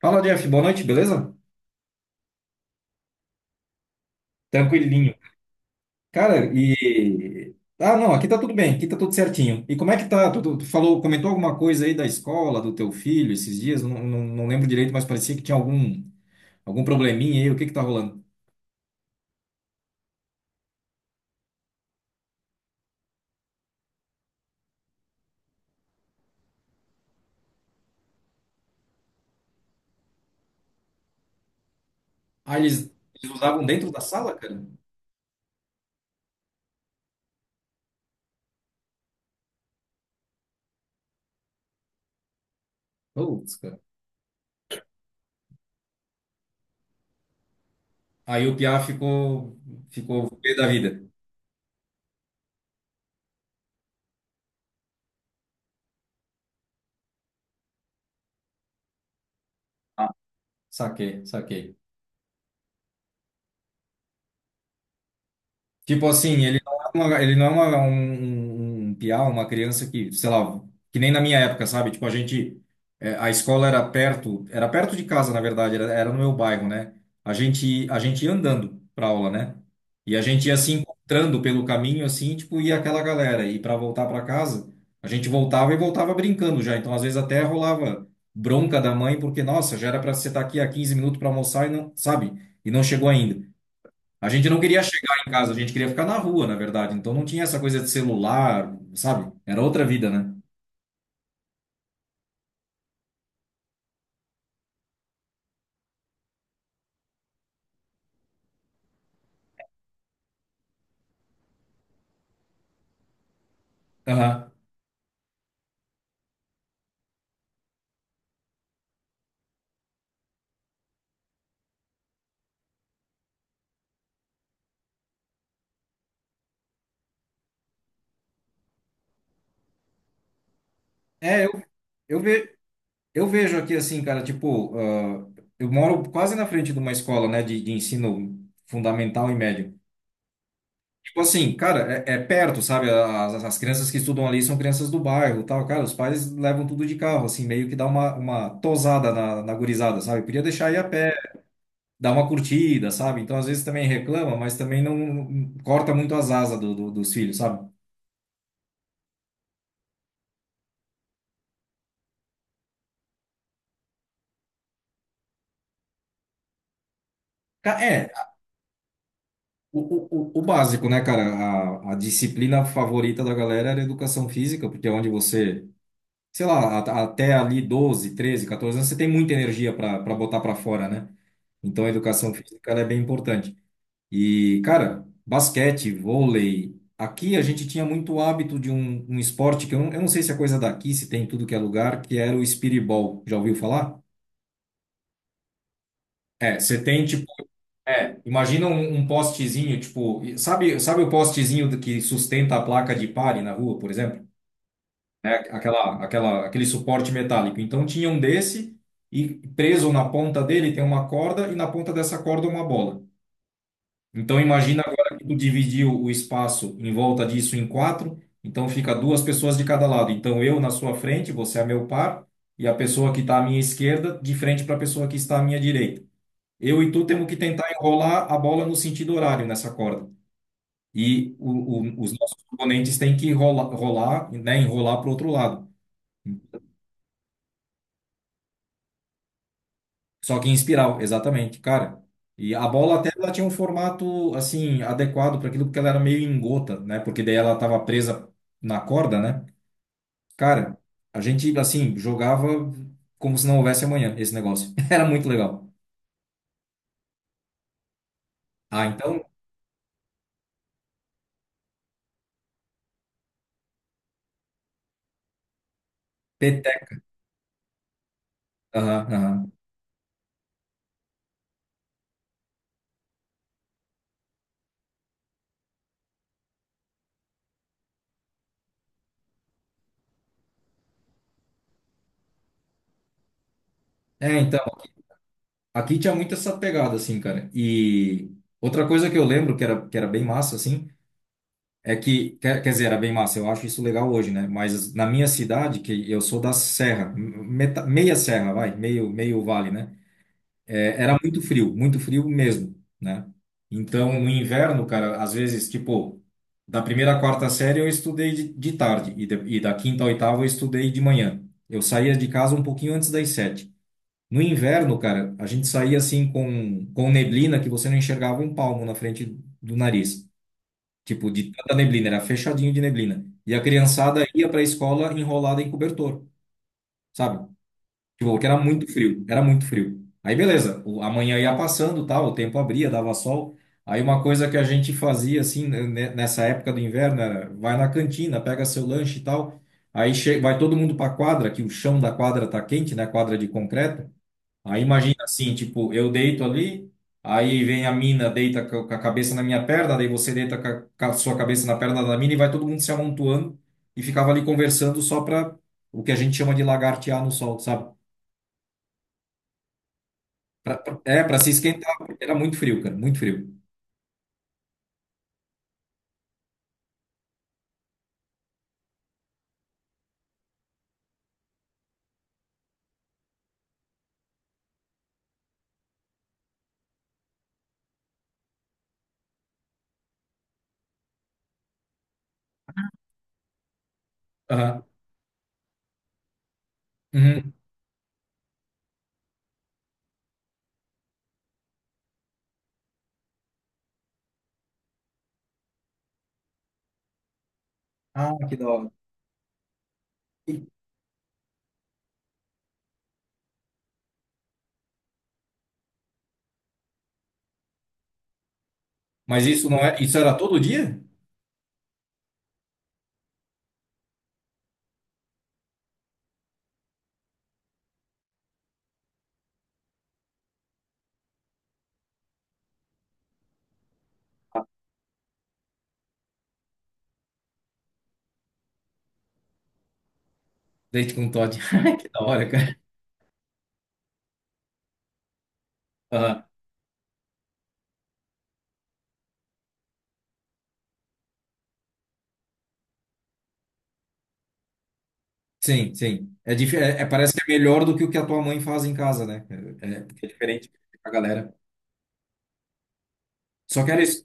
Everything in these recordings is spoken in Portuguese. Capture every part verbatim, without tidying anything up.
Fala, Jeff. Boa noite, beleza? Tranquilinho. Cara, e... Ah, não, aqui tá tudo bem, aqui tá tudo certinho. E como é que tá? Tu, tu- tu falou, comentou alguma coisa aí da escola, do teu filho, esses dias? Eu não, não, não lembro direito, mas parecia que tinha algum, algum probleminha aí. O que que tá rolando? Ah, eles, eles usavam dentro da sala, cara? Putz, cara. Aí o Piá ficou, ficou pé da vida. Ah, saquei, saquei. Tipo assim, ele não é uma, ele não é uma, um, um um piá, uma criança que, sei lá, que nem na minha época, sabe? Tipo, a gente, é, a escola era perto, era perto de casa, na verdade, era, era no meu bairro, né? A gente, a gente ia andando pra aula, né? E a gente ia se encontrando pelo caminho, assim, tipo, ia aquela galera. E para voltar para casa, a gente voltava e voltava brincando já. Então, às vezes, até rolava bronca da mãe, porque, nossa, já era para você estar aqui há quinze minutos para almoçar e não, sabe? E não chegou ainda. A gente não queria chegar em casa, a gente queria ficar na rua, na verdade. Então não tinha essa coisa de celular, sabe? Era outra vida, né? Aham. É, eu, eu, ve, eu vejo aqui assim, cara, tipo, ah, eu moro quase na frente de uma escola, né, de, de ensino fundamental e médio. Tipo assim, cara, é, é perto, sabe? As, as crianças que estudam ali são crianças do bairro, e tal. Cara, os pais levam tudo de carro, assim, meio que dá uma, uma tosada na, na gurizada, sabe? Podia deixar ir a pé. Dá uma curtida, sabe? Então, às vezes também reclama, mas também não corta muito as asas do, do- dos filhos, sabe? Ca- É, o, o, o o básico, né, cara? A, a disciplina favorita da galera era a educação física, porque é onde você, sei lá, a- até ali doze, treze, quatorze anos, você tem muita energia para botar para fora, né? Então, a educação física ela é bem importante. E, cara, basquete, vôlei. Aqui a gente tinha muito hábito de um, um esporte que eu não, eu não sei se é coisa daqui, se tem em tudo que é lugar, que era o speedball. Já ouviu falar? É, você tem tipo, é, imagina um, um postezinho, tipo, e- sabe, sabe o postezinho do- que sustenta a placa de pare na rua, por exemplo? Né? Aquela, aquela, aquele suporte metálico. Então tinha um desse e preso na ponta dele tem uma corda e na ponta dessa corda uma bola. Então imagina agora que tu dividiu o espaço em volta disso em quatro, então fica duas pessoas de cada lado. Então eu na sua frente, você é meu par, e a pessoa que está à minha esquerda de frente para a pessoa que está à minha direita. Eu e tu temos que tentar enrolar a bola no sentido horário nessa corda. E o- o- os nossos oponentes têm que rolar, rolar, né, enrolar para o outro lado. Só que em espiral, exatamente, cara. E a bola até ela tinha um formato assim adequado para aquilo porque ela era meio em gota, né? Porque daí ela estava presa na corda, né? Cara, a gente assim jogava como se não houvesse amanhã esse negócio. Era muito legal. Ah, então peteca. Aham, aham. É, então aqui tinha muito essa pegada, assim, cara. E outra coisa que eu lembro que era, que era bem massa, assim, é que, quer, quer dizer, era bem massa, eu acho isso legal hoje, né? Mas na minha cidade, que eu sou da serra, meta- meia serra, vai, meio, meio vale, né? É, era muito frio, muito frio mesmo, né? Então, no inverno, cara, às vezes, tipo, da primeira à quarta série eu estudei de, de tarde e, de- e da quinta à oitava eu estudei de manhã. Eu saía de casa um pouquinho antes das sete. No inverno, cara, a gente saía assim com, com neblina que você não enxergava um palmo na frente do nariz. Tipo, de tanta neblina, era fechadinho de neblina. E a criançada ia para a escola enrolada em cobertor, sabe? Tipo, porque era muito frio, era muito frio. Aí beleza, o- a manhã ia passando, tal, o tempo abria, dava sol. Aí uma coisa que a gente fazia assim né, né, nessa época do inverno era vai na cantina, pega seu lanche e tal. Aí che- vai todo mundo para a quadra, que o chão da quadra tá quente, né? Quadra de concreto. Aí imagina assim, tipo, eu deito ali, aí vem a mina, deita co- com a cabeça na minha perna, daí você deita com a com a sua cabeça na perna da mina e vai todo mundo se amontoando e ficava ali conversando só pra o que a gente chama de lagartear no sol, sabe? Pra- pra- é, pra se esquentar, porque era muito frio, cara, muito frio. Aham. Uhum. Ah, que da hora. Mas isso não é, isso era todo dia? Deite com Todd. Que da hora, cara. Aham. Sim, sim. É, dif- é, é, parece que é melhor do que o que a tua mãe faz em casa, né? É, é, porque é diferente da galera. Só que era isso.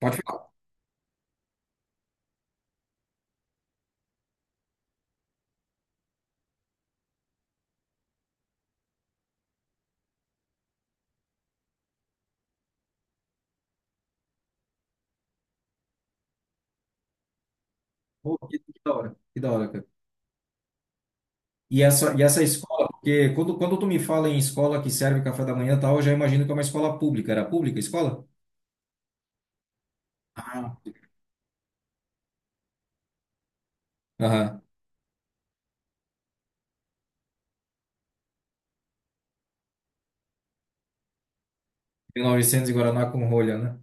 Pode falar. Pô, que, que da hora, que da hora, cara. E essa, e essa escola, porque quando, quando tu me fala em escola que serve café da manhã e tal, eu já imagino que é uma escola pública. Era pública a escola? Ah, aham. mil e novecentos e novecentos e Guaraná com rolha, né?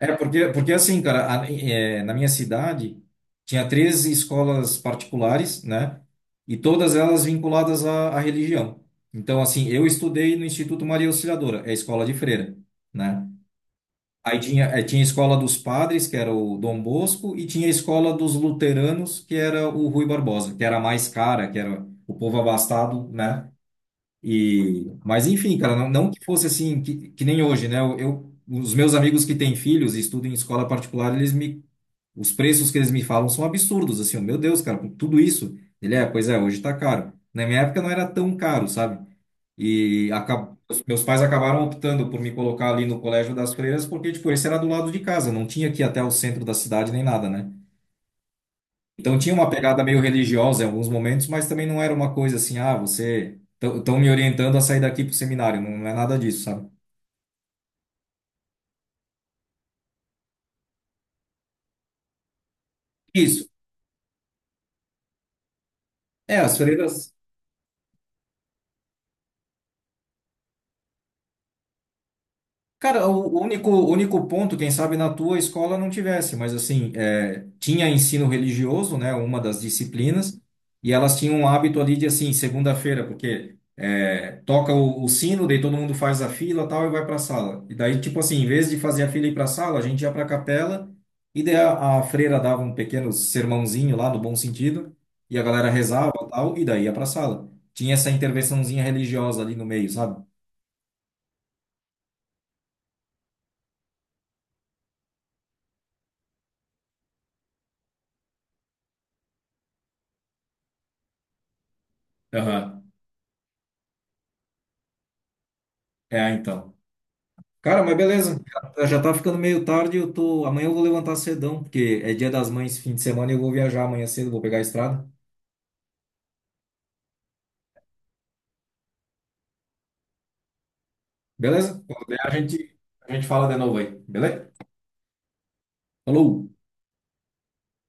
É, porque, porque assim, cara, a- é, na minha cidade tinha três escolas particulares, né? E todas elas vinculadas à, à religião. Então, assim, eu estudei no Instituto Maria Auxiliadora, é a escola de freira, né? Aí tinha, eh, tinha a escola dos padres, que era o Dom Bosco, e tinha a escola dos luteranos, que era o Rui Barbosa, que era a mais cara, que era o povo abastado, né? E, mas enfim, cara, não, não que fosse assim, que, que nem hoje, né? Eu, eu- os meus amigos que têm filhos e estudam em escola particular, eles me, os preços que eles me falam são absurdos, assim, "Oh, meu Deus, cara, com tudo isso." Ele é, pois é, hoje tá caro. Na minha época não era tão caro, sabe? E acab... os meus pais acabaram optando por me colocar ali no Colégio das Freiras, porque, tipo, esse era do lado de casa, não tinha que ir até o centro da cidade nem nada, né? Então tinha uma pegada meio religiosa em alguns momentos, mas também não era uma coisa assim, ah, você. Estão me orientando a sair daqui pro seminário, não é nada disso, sabe? Isso. É, as freiras. Cara, o único, o único ponto, quem sabe na tua escola não tivesse, mas assim, é, tinha ensino religioso, né, uma das disciplinas, e elas tinham um hábito ali de assim, segunda-feira, porque é, toca o, o sino, daí todo mundo faz a fila tal e vai para a sala. E daí, tipo assim, em vez de fazer a fila e ir para a sala, a gente ia para a capela, e daí a, a freira dava um pequeno sermãozinho lá, no bom sentido, e a galera rezava tal, e daí ia para a sala. Tinha essa intervençãozinha religiosa ali no meio, sabe? Aham. É, então. Cara, mas beleza. Já já tá ficando meio tarde, eu tô. Amanhã eu vou levantar cedão, porque é dia das mães, fim de semana, e eu vou viajar amanhã cedo, vou pegar a estrada. Beleza? Quando der, a gente, a gente fala de novo aí, beleza? Falou!